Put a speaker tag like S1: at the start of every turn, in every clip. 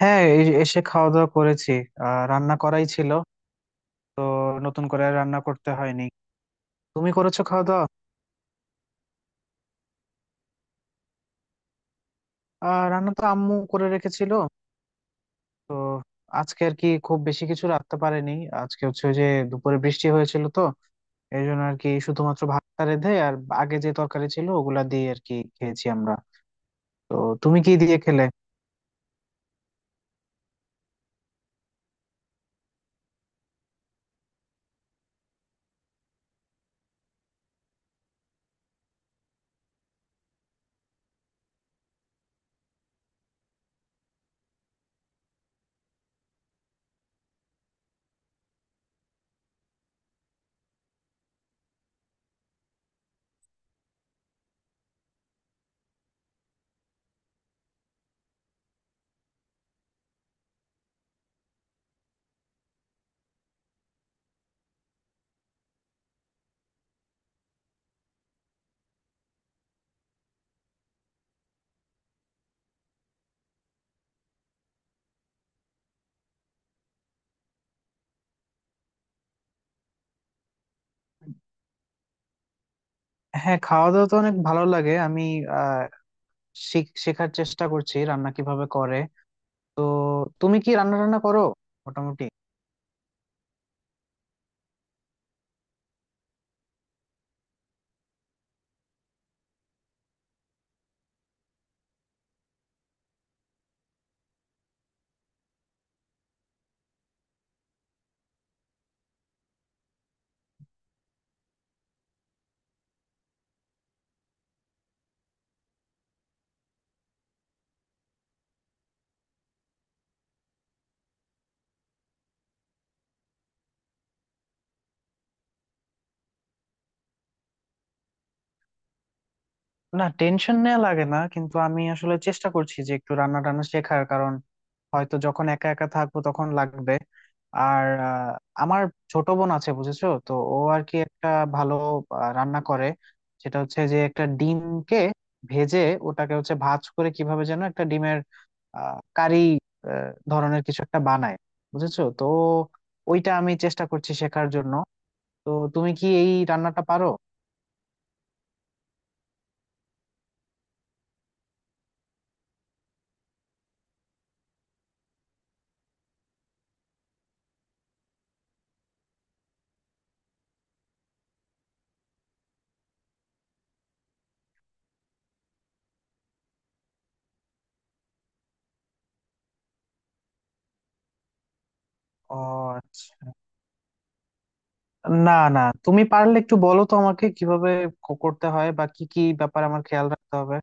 S1: হ্যাঁ, এই এসে খাওয়া দাওয়া করেছি। রান্না করাই ছিল, তো নতুন করে আর রান্না করতে হয়নি। তুমি করেছো খাওয়া দাওয়া? রান্না তো আম্মু করে রেখেছিল। আজকে আর কি খুব বেশি কিছু রাখতে পারেনি। আজকে হচ্ছে ওই যে, দুপুরে বৃষ্টি হয়েছিল তো, এই জন্য আর কি শুধুমাত্র ভাতটা রেঁধে আর আগে যে তরকারি ছিল ওগুলা দিয়ে আর কি খেয়েছি আমরা। তো তুমি কি দিয়ে খেলে? হ্যাঁ, খাওয়া দাওয়া তো অনেক ভালো লাগে। আমি আহ শেখার চেষ্টা করছি রান্না কিভাবে করে। তো তুমি কি রান্না টান্না করো? মোটামুটি। না, টেনশন নেওয়া লাগে না, কিন্তু আমি আসলে চেষ্টা করছি যে একটু রান্না টান্না শেখার, কারণ হয়তো যখন একা একা থাকবো তখন লাগবে। আর আমার ছোট বোন আছে, বুঝেছো তো, ও আর কি একটা ভালো রান্না করে। সেটা হচ্ছে যে, একটা ডিমকে ভেজে ওটাকে হচ্ছে ভাজ করে কিভাবে যেন একটা ডিমের কারি ধরনের কিছু একটা বানায়, বুঝেছো তো। ওইটা আমি চেষ্টা করছি শেখার জন্য। তো তুমি কি এই রান্নাটা পারো? ও আচ্ছা। না না, তুমি পারলে একটু বলো তো আমাকে, কিভাবে করতে হয় বা কি কি ব্যাপারে আমার খেয়াল রাখতে হবে।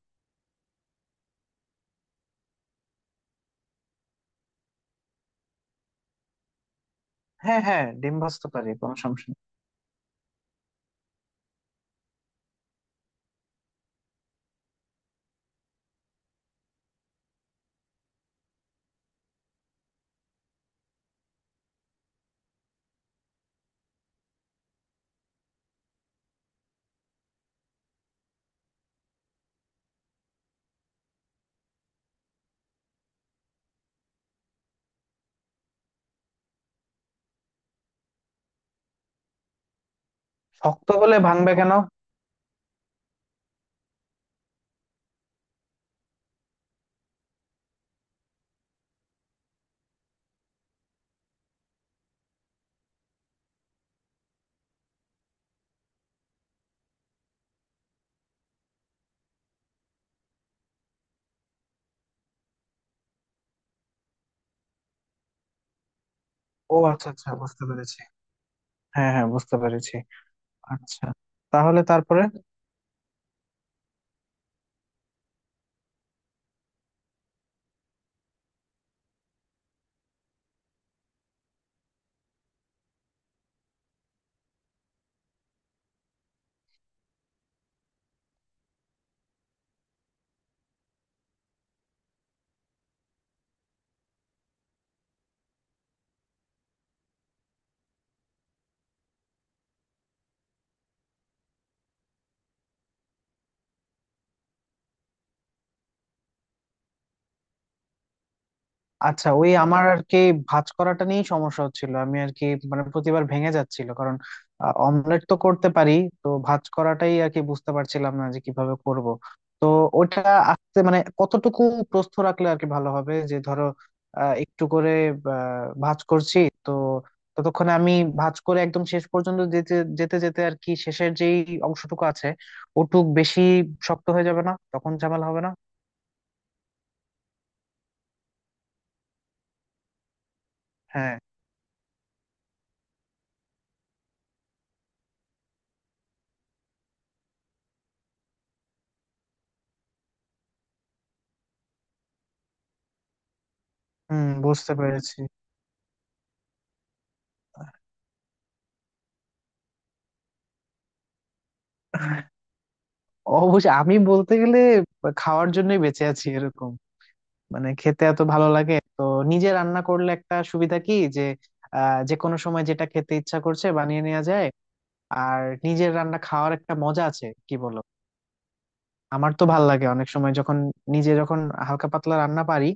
S1: হ্যাঁ হ্যাঁ, ডিম ভাজতে পারি, কোনো সমস্যা নেই। শক্ত হলে ভাঙবে কেন? ও আচ্ছা আচ্ছা, বুঝতে পেরেছি। হ্যাঁ হ্যাঁ, বুঝতে পেরেছি। আচ্ছা, তাহলে তারপরে? আচ্ছা, ওই আমার আর কি ভাঁজ করাটা নিয়েই সমস্যা হচ্ছিল। আমি আর কি, মানে প্রতিবার ভেঙে যাচ্ছিল, কারণ অমলেট তো করতে পারি, তো ভাঁজ করাটাই আর কি বুঝতে পারছিলাম না যে কিভাবে করব। তো ওটা আসতে মানে কতটুকু প্রস্থ রাখলে আর কি ভালো হবে, যে ধরো একটু করে ভাঁজ করছি, তো ততক্ষণে আমি ভাঁজ করে একদম শেষ পর্যন্ত যেতে যেতে যেতে আর কি শেষের যেই অংশটুকু আছে ওটুক বেশি শক্ত হয়ে যাবে না, তখন ঝামেলা হবে না। হ্যাঁ। হুম, বুঝতে পেরেছি। অবশ্যই, আমি বলতে গেলে খাওয়ার জন্যই বেঁচে আছি এরকম, মানে খেতে এত ভালো লাগে তো। নিজে রান্না করলে একটা সুবিধা, কি যে যে কোনো সময় যেটা খেতে ইচ্ছা করছে বানিয়ে নেওয়া যায়। আর নিজের রান্না খাওয়ার একটা মজা আছে, কি বলো? আমার তো ভাল লাগে অনেক সময়, যখন নিজে যখন হালকা পাতলা রান্না পারি।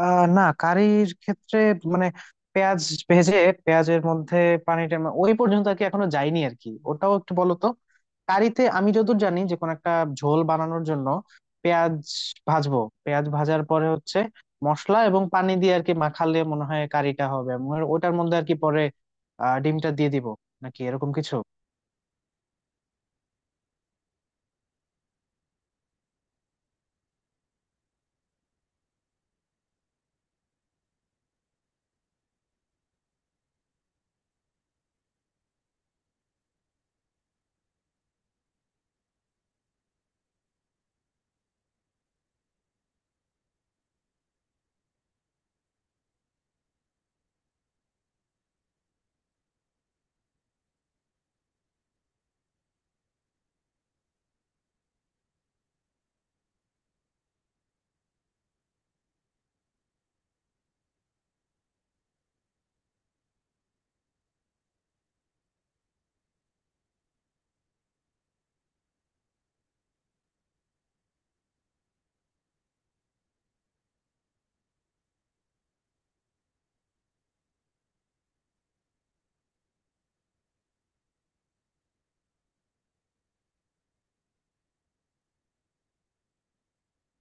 S1: না, কারির ক্ষেত্রে মানে পেঁয়াজ ভেজে পেঁয়াজের মধ্যে পানিটা ওই পর্যন্ত আর কি এখনো যায়নি আর কি, ওটাও একটু বলো তো। কারিতে আমি যতদূর জানি যে, কোনো একটা ঝোল বানানোর জন্য পেঁয়াজ ভাজবো, পেঁয়াজ ভাজার পরে হচ্ছে মশলা এবং পানি দিয়ে আর কি মাখালে মনে হয় কারিটা হবে, আমার ওটার মধ্যে আর কি পরে ডিমটা দিয়ে দিব নাকি এরকম কিছু।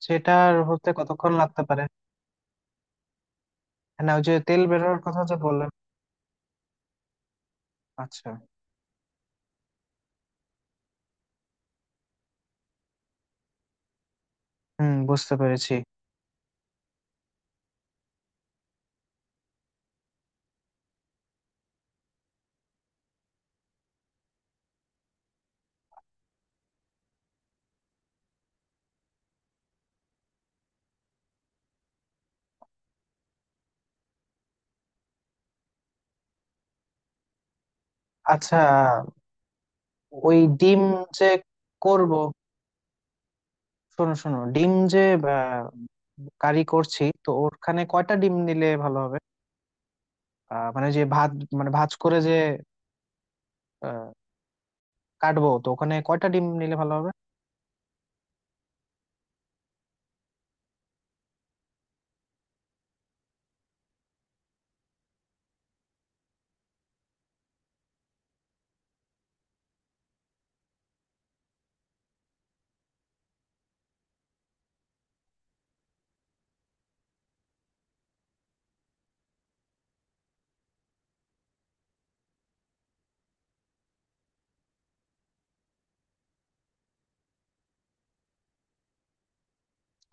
S1: সেটার হতে কতক্ষণ লাগতে পারে? না, ওই যে তেল বেরোনোর কথা যে বললাম। আচ্ছা। হুম, বুঝতে পেরেছি। আচ্ছা, ওই ডিম যে করব, শোনো শোনো, ডিম যে আহ, কারি করছি, তো ওখানে কয়টা ডিম নিলে ভালো হবে? মানে যে ভাত, মানে ভাজ করে যে আহ, কাটবো তো ওখানে কয়টা ডিম নিলে ভালো হবে?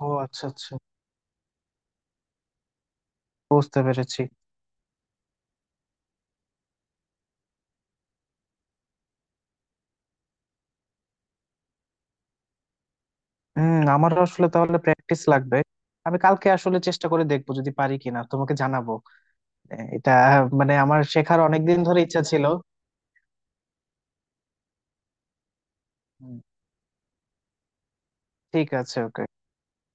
S1: ও আচ্ছা আচ্ছা, বুঝতে পেরেছি। হম, আমারও আসলে তাহলে প্র্যাকটিস লাগবে। আমি কালকে আসলে চেষ্টা করে দেখবো, যদি পারি কিনা তোমাকে জানাবো। এটা মানে আমার শেখার অনেকদিন ধরে ইচ্ছা ছিল। হুম, ঠিক আছে, ওকে।